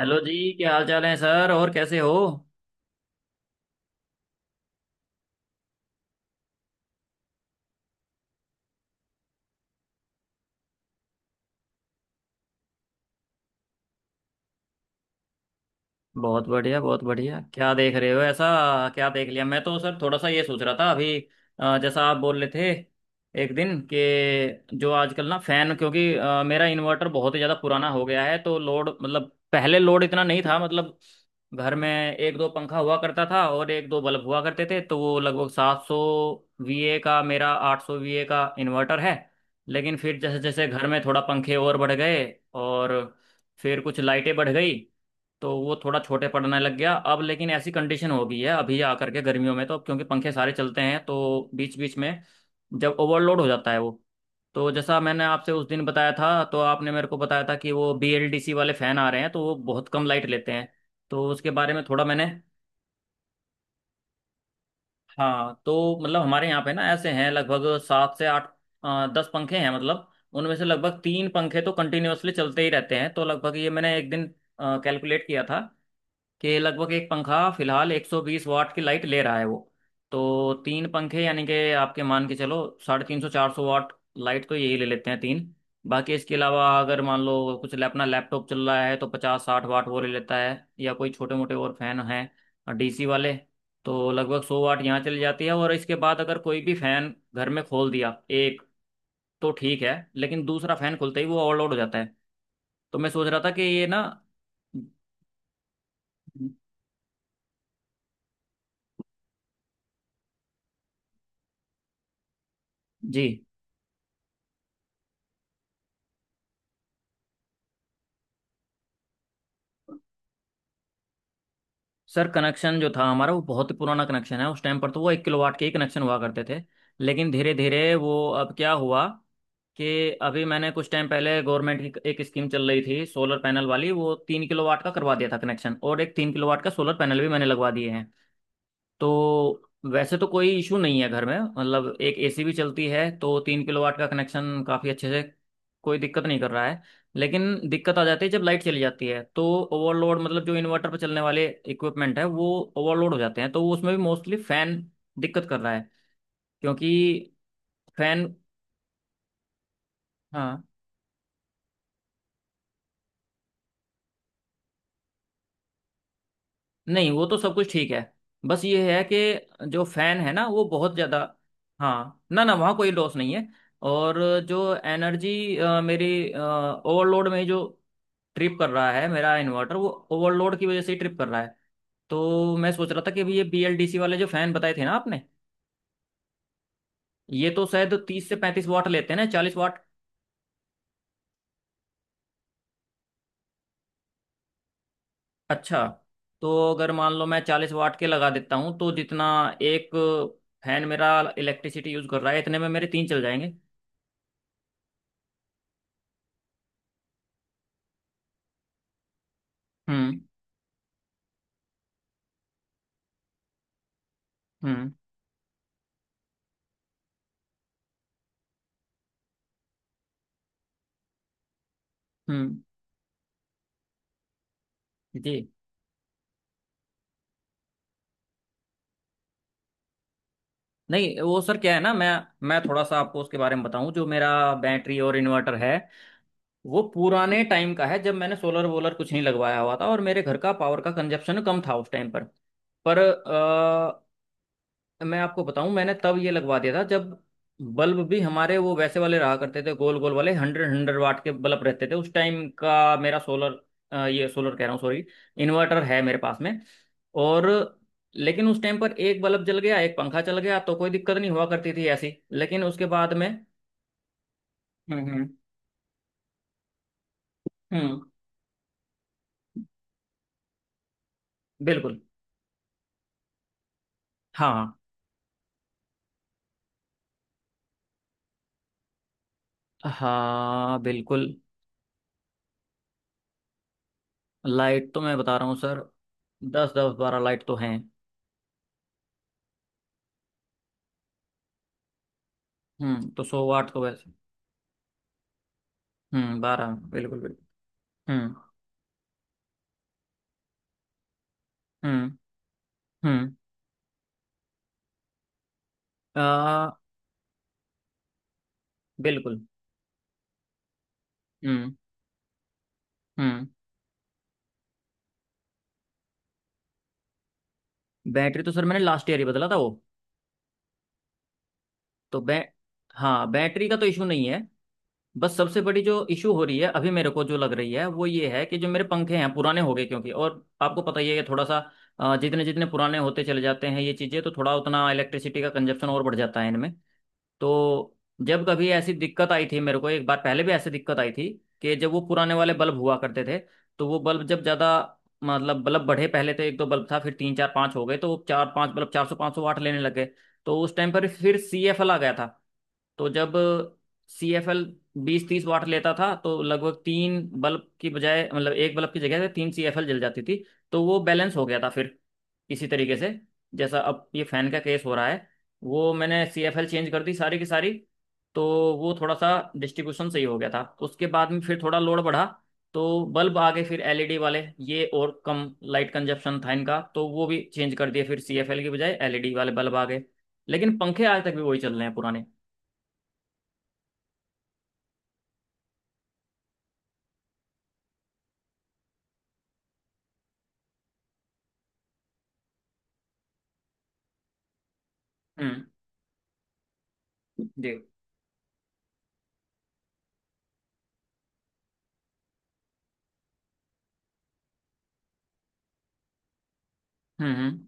Hello जी, क्या हाल चाल है सर? और कैसे हो? बहुत बढ़िया, बहुत बढ़िया। क्या देख रहे हो ऐसा, क्या देख लिया? मैं तो सर थोड़ा सा ये सोच रहा था अभी, जैसा आप बोल रहे थे एक दिन, कि जो आजकल ना फैन, क्योंकि मेरा इन्वर्टर बहुत ही ज़्यादा पुराना हो गया है। तो लोड, मतलब पहले लोड इतना नहीं था, मतलब घर में एक दो पंखा हुआ करता था और एक दो बल्ब हुआ करते थे, तो वो लगभग 700 वीए का, मेरा 800 वीए का इन्वर्टर है। लेकिन फिर जैसे जैसे घर में थोड़ा पंखे और बढ़ गए, और फिर कुछ लाइटें बढ़ गई, तो वो थोड़ा छोटे पड़ने लग गया। अब लेकिन ऐसी कंडीशन हो गई है अभी आकर के गर्मियों में, तो अब क्योंकि पंखे सारे चलते हैं तो बीच बीच में जब ओवरलोड हो जाता है वो। तो जैसा मैंने आपसे उस दिन बताया था, तो आपने मेरे को बताया था कि वो BLDC वाले फैन आ रहे हैं तो वो बहुत कम लाइट लेते हैं, तो उसके बारे में थोड़ा मैंने। हाँ, तो मतलब हमारे यहाँ पे ना ऐसे हैं लगभग सात से आठ दस पंखे हैं, मतलब उनमें से लगभग तीन पंखे तो कंटिन्यूअसली चलते ही रहते हैं। तो लगभग ये मैंने एक दिन कैलकुलेट किया था कि लगभग एक पंखा फिलहाल 120 वाट की लाइट ले रहा है वो। तो तीन पंखे यानी कि आपके मान के चलो, साढ़े तीन सौ चार सौ वाट लाइट तो यही ले लेते हैं तीन। बाकी इसके अलावा अगर मान लो कुछ अपना लैपटॉप चल रहा है तो पचास साठ वाट वो ले लेता है, या कोई छोटे मोटे और फैन हैं डीसी वाले, तो लगभग 100 वाट यहाँ चली जाती है। और इसके बाद अगर कोई भी फैन घर में खोल दिया एक, तो ठीक है, लेकिन दूसरा फैन खुलते ही वो ओवरलोड हो जाता है। तो मैं सोच रहा था कि ये ना। जी। सर, कनेक्शन जो था हमारा वो बहुत ही पुराना कनेक्शन है, उस टाइम पर तो वो एक किलोवाट के ही कनेक्शन हुआ करते थे। लेकिन धीरे धीरे वो, अब क्या हुआ कि अभी मैंने कुछ टाइम पहले गवर्नमेंट की एक स्कीम चल रही थी सोलर पैनल वाली, वो तीन किलोवाट का करवा दिया था कनेक्शन, और एक तीन किलोवाट का सोलर पैनल भी मैंने लगवा दिए हैं। तो वैसे तो कोई इशू नहीं है घर में, मतलब एक एसी भी चलती है तो तीन किलोवाट का कनेक्शन काफ़ी अच्छे से, कोई दिक्कत नहीं कर रहा है। लेकिन दिक्कत आ जाती है जब लाइट चली जाती है, तो ओवरलोड, मतलब जो इन्वर्टर पर चलने वाले इक्विपमेंट है वो ओवरलोड हो जाते हैं, तो उसमें भी मोस्टली फैन दिक्कत कर रहा है, क्योंकि फैन। हाँ। नहीं, वो तो सब कुछ ठीक है, बस ये है कि जो फैन है ना वो बहुत ज़्यादा। हाँ, ना ना, वहाँ कोई लॉस नहीं है। और जो एनर्जी मेरी, ओवरलोड में जो ट्रिप कर रहा है मेरा इन्वर्टर, वो ओवरलोड की वजह से ही ट्रिप कर रहा है। तो मैं सोच रहा था कि अभी ये BLDC वाले जो फैन बताए थे ना आपने, ये तो शायद तीस से पैंतीस वाट लेते हैं ना, 40 वाट। अच्छा, तो अगर मान लो मैं 40 वाट के लगा देता हूँ तो जितना एक फैन मेरा इलेक्ट्रिसिटी यूज कर रहा है, इतने में मेरे तीन चल जाएंगे। हम्म, हम्म, हम्म। जी। नहीं, वो सर क्या है ना, मैं थोड़ा सा आपको उसके बारे में बताऊं जो मेरा बैटरी और इन्वर्टर है। वो पुराने टाइम का है जब मैंने सोलर वोलर कुछ नहीं लगवाया हुआ था, और मेरे घर का पावर का कंजप्शन कम था उस टाइम पर। पर मैं आपको बताऊं, मैंने तब ये लगवा दिया था जब बल्ब भी हमारे वो वैसे वाले रहा करते थे, गोल गोल वाले हंड्रेड हंड्रेड वाट के बल्ब रहते थे उस टाइम का। मेरा सोलर, ये सोलर कह रहा हूँ सॉरी, इन्वर्टर है मेरे पास में। और लेकिन उस टाइम पर एक बल्ब जल गया, एक पंखा चल गया, तो कोई दिक्कत नहीं हुआ करती थी ऐसी, लेकिन उसके बाद में। हम्म, हम्म, हम्म। बिल्कुल। हाँ, हाँ। बिल्कुल। लाइट तो मैं बता रहा हूँ सर, दस दस बारह लाइट तो हैं। हम्म, तो सौ वाट तो वैसे। हम्म, बारह, बिल्कुल बिल्कुल। हम्म, हम्म, हम्म। आ, बिल्कुल। हम्म, हम्म। बैटरी तो सर, मैंने लास्ट ईयर ही बदला था वो। तो बै हाँ, बैटरी का तो इशू नहीं है। बस सबसे बड़ी जो इशू हो रही है अभी, मेरे को जो लग रही है वो ये है कि जो मेरे पंखे हैं पुराने हो गए, क्योंकि और आपको पता ही है कि थोड़ा सा जितने जितने पुराने होते चले जाते हैं ये चीज़ें, तो थोड़ा उतना इलेक्ट्रिसिटी का कंजप्शन और बढ़ जाता है इनमें। तो जब कभी ऐसी दिक्कत आई थी मेरे को, एक बार पहले भी ऐसी दिक्कत आई थी कि जब वो पुराने वाले बल्ब हुआ करते थे, तो वो बल्ब जब ज़्यादा, मतलब बल्ब बढ़े, पहले तो एक दो बल्ब था फिर तीन चार पाँच हो गए, तो वो चार पाँच बल्ब चार सौ पाँच सौ वाट लेने लगे। तो उस टाइम पर फिर सी एफ एल आ गया था, तो जब सी एफ एल बीस तीस वाट लेता था, तो लगभग तीन बल्ब की बजाय, मतलब एक बल्ब की जगह पे तीन सी एफ एल जल जाती थी, तो वो बैलेंस हो गया था फिर। इसी तरीके से जैसा अब ये फैन का केस हो रहा है, वो मैंने सी एफ एल चेंज कर दी सारी की सारी। तो वो थोड़ा सा डिस्ट्रीब्यूशन सही हो गया था उसके बाद में। फिर थोड़ा लोड बढ़ा, तो बल्ब आ गए फिर एलईडी वाले, ये और कम लाइट कंजप्शन था इनका, तो वो भी चेंज कर दिए, फिर सीएफएल की बजाय एलईडी वाले बल्ब आ गए। लेकिन पंखे आज तक भी वही चल रहे हैं पुराने। हम्म। जी। हम्म, हम्म,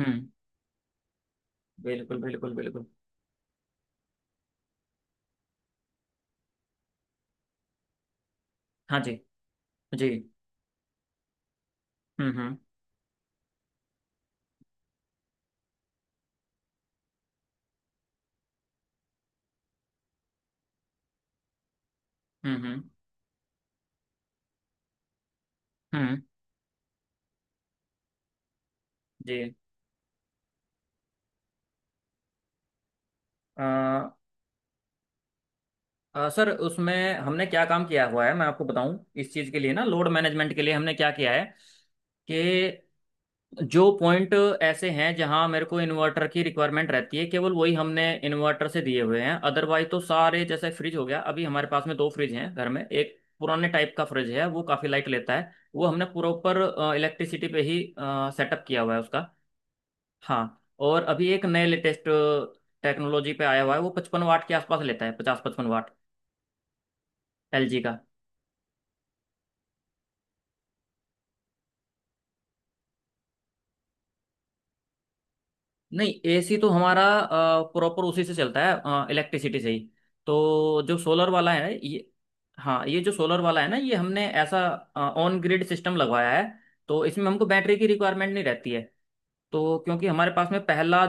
हम्म। बिल्कुल, बिल्कुल, बिल्कुल। हाँ, जी, जी। हम्म, हम्म, हम्म, हम्म, हम्म, जी। अ, सर, उसमें हमने क्या काम किया हुआ है मैं आपको बताऊं। इस चीज़ के लिए ना, लोड मैनेजमेंट के लिए हमने क्या किया है कि जो पॉइंट ऐसे हैं जहां मेरे को इन्वर्टर की रिक्वायरमेंट रहती है केवल वही हमने इन्वर्टर से दिए हुए हैं। अदरवाइज तो सारे, जैसे फ्रिज हो गया, अभी हमारे पास में दो फ्रिज हैं घर में। एक पुराने टाइप का फ्रिज है वो काफ़ी लाइट लेता है, वो हमने प्रॉपर इलेक्ट्रिसिटी पे ही सेटअप किया हुआ है उसका। हाँ, और अभी एक नए लेटेस्ट टेक्नोलॉजी पे आया हुआ है, वो 55 वाट के आसपास लेता है, पचास पचपन वाट। एलजी का। नहीं, एसी तो हमारा प्रॉपर उसी से चलता है, इलेक्ट्रिसिटी से ही। तो जो सोलर वाला है ये, हाँ, ये जो सोलर वाला है ना, ये हमने ऐसा ऑन ग्रिड सिस्टम लगवाया है। तो इसमें हमको बैटरी की रिक्वायरमेंट नहीं रहती है, तो क्योंकि हमारे पास में पहला,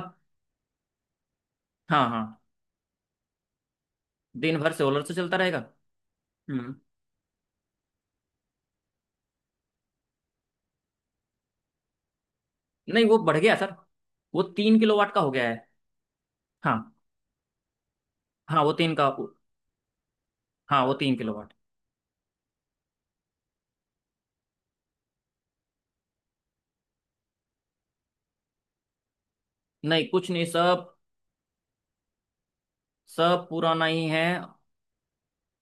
हाँ, हाँ, दिन भर सोलर से चलता रहेगा। हम्म। नहीं, वो बढ़ गया सर, वो तीन किलोवाट का हो गया है। हाँ, हाँ, वो तीन का। हाँ, वो तीन किलोवाट। नहीं कुछ नहीं, सब सब पुराना ही है।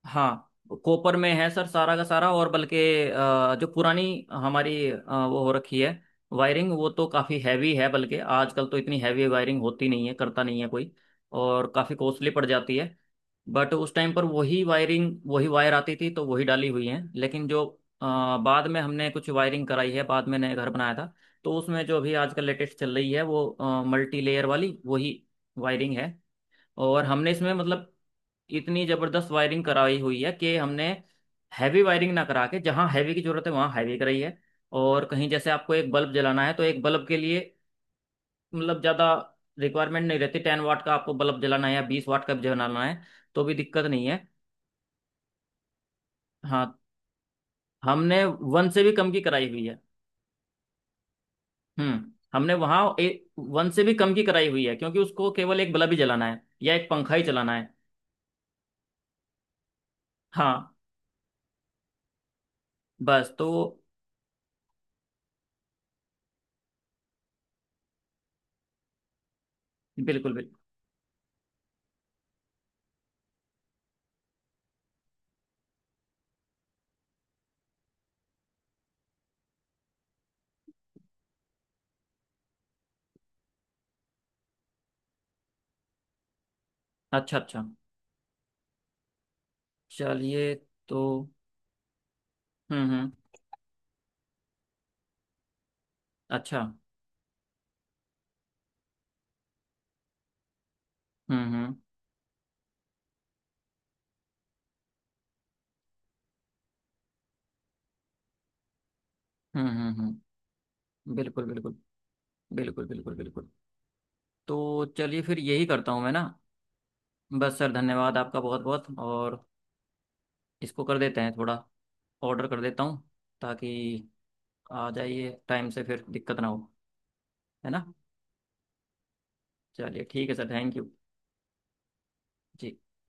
हाँ, कॉपर में है सर, सारा का सारा। और बल्कि जो पुरानी हमारी वो हो रखी है वायरिंग, वो तो काफ़ी हैवी है। बल्कि आजकल तो इतनी हैवी वायरिंग होती नहीं है, करता नहीं है कोई, और काफ़ी कॉस्टली पड़ जाती है। बट उस टाइम पर वही वायरिंग, वही वायर आती थी, तो वही डाली हुई है। लेकिन जो अ, बाद में हमने कुछ वायरिंग कराई है, बाद में नया घर बनाया था, तो उसमें जो अभी आजकल लेटेस्ट चल रही है, वो मल्टी लेयर वाली वही वायरिंग है। और हमने इसमें, मतलब इतनी जबरदस्त वायरिंग कराई हुई है कि हमने हैवी वायरिंग ना करा के जहाँ हैवी की जरूरत है वहाँ हैवी कराई है, और कहीं जैसे आपको एक बल्ब जलाना है तो एक बल्ब के लिए मतलब ज्यादा रिक्वायरमेंट नहीं रहती। 10 वाट का आपको बल्ब जलाना है या 20 वाट का भी जलाना है, तो भी दिक्कत नहीं है। हाँ, हमने वन से भी कम की कराई हुई है। हम्म, हमने वहाँ वन से भी कम की कराई हुई है, क्योंकि उसको केवल एक बल्ब ही जलाना है या एक पंखा ही चलाना है। हाँ। बस, तो। बिल्कुल, बिल्कुल। अच्छा, अच्छा। चलिए, तो। हम्म, हम्म। अच्छा। हम्म, हम्म, हम्म। हम्म, बिल्कुल, बिल्कुल, बिल्कुल। बिल्कुल, बिल्कुल। तो चलिए, फिर यही करता हूँ मैं ना। बस सर, धन्यवाद आपका बहुत बहुत। और इसको कर देते हैं थोड़ा, ऑर्डर कर देता हूँ, ताकि आ जाइए टाइम से, फिर दिक्कत ना हो, है ना। चलिए, ठीक है सर, थैंक यू। जी।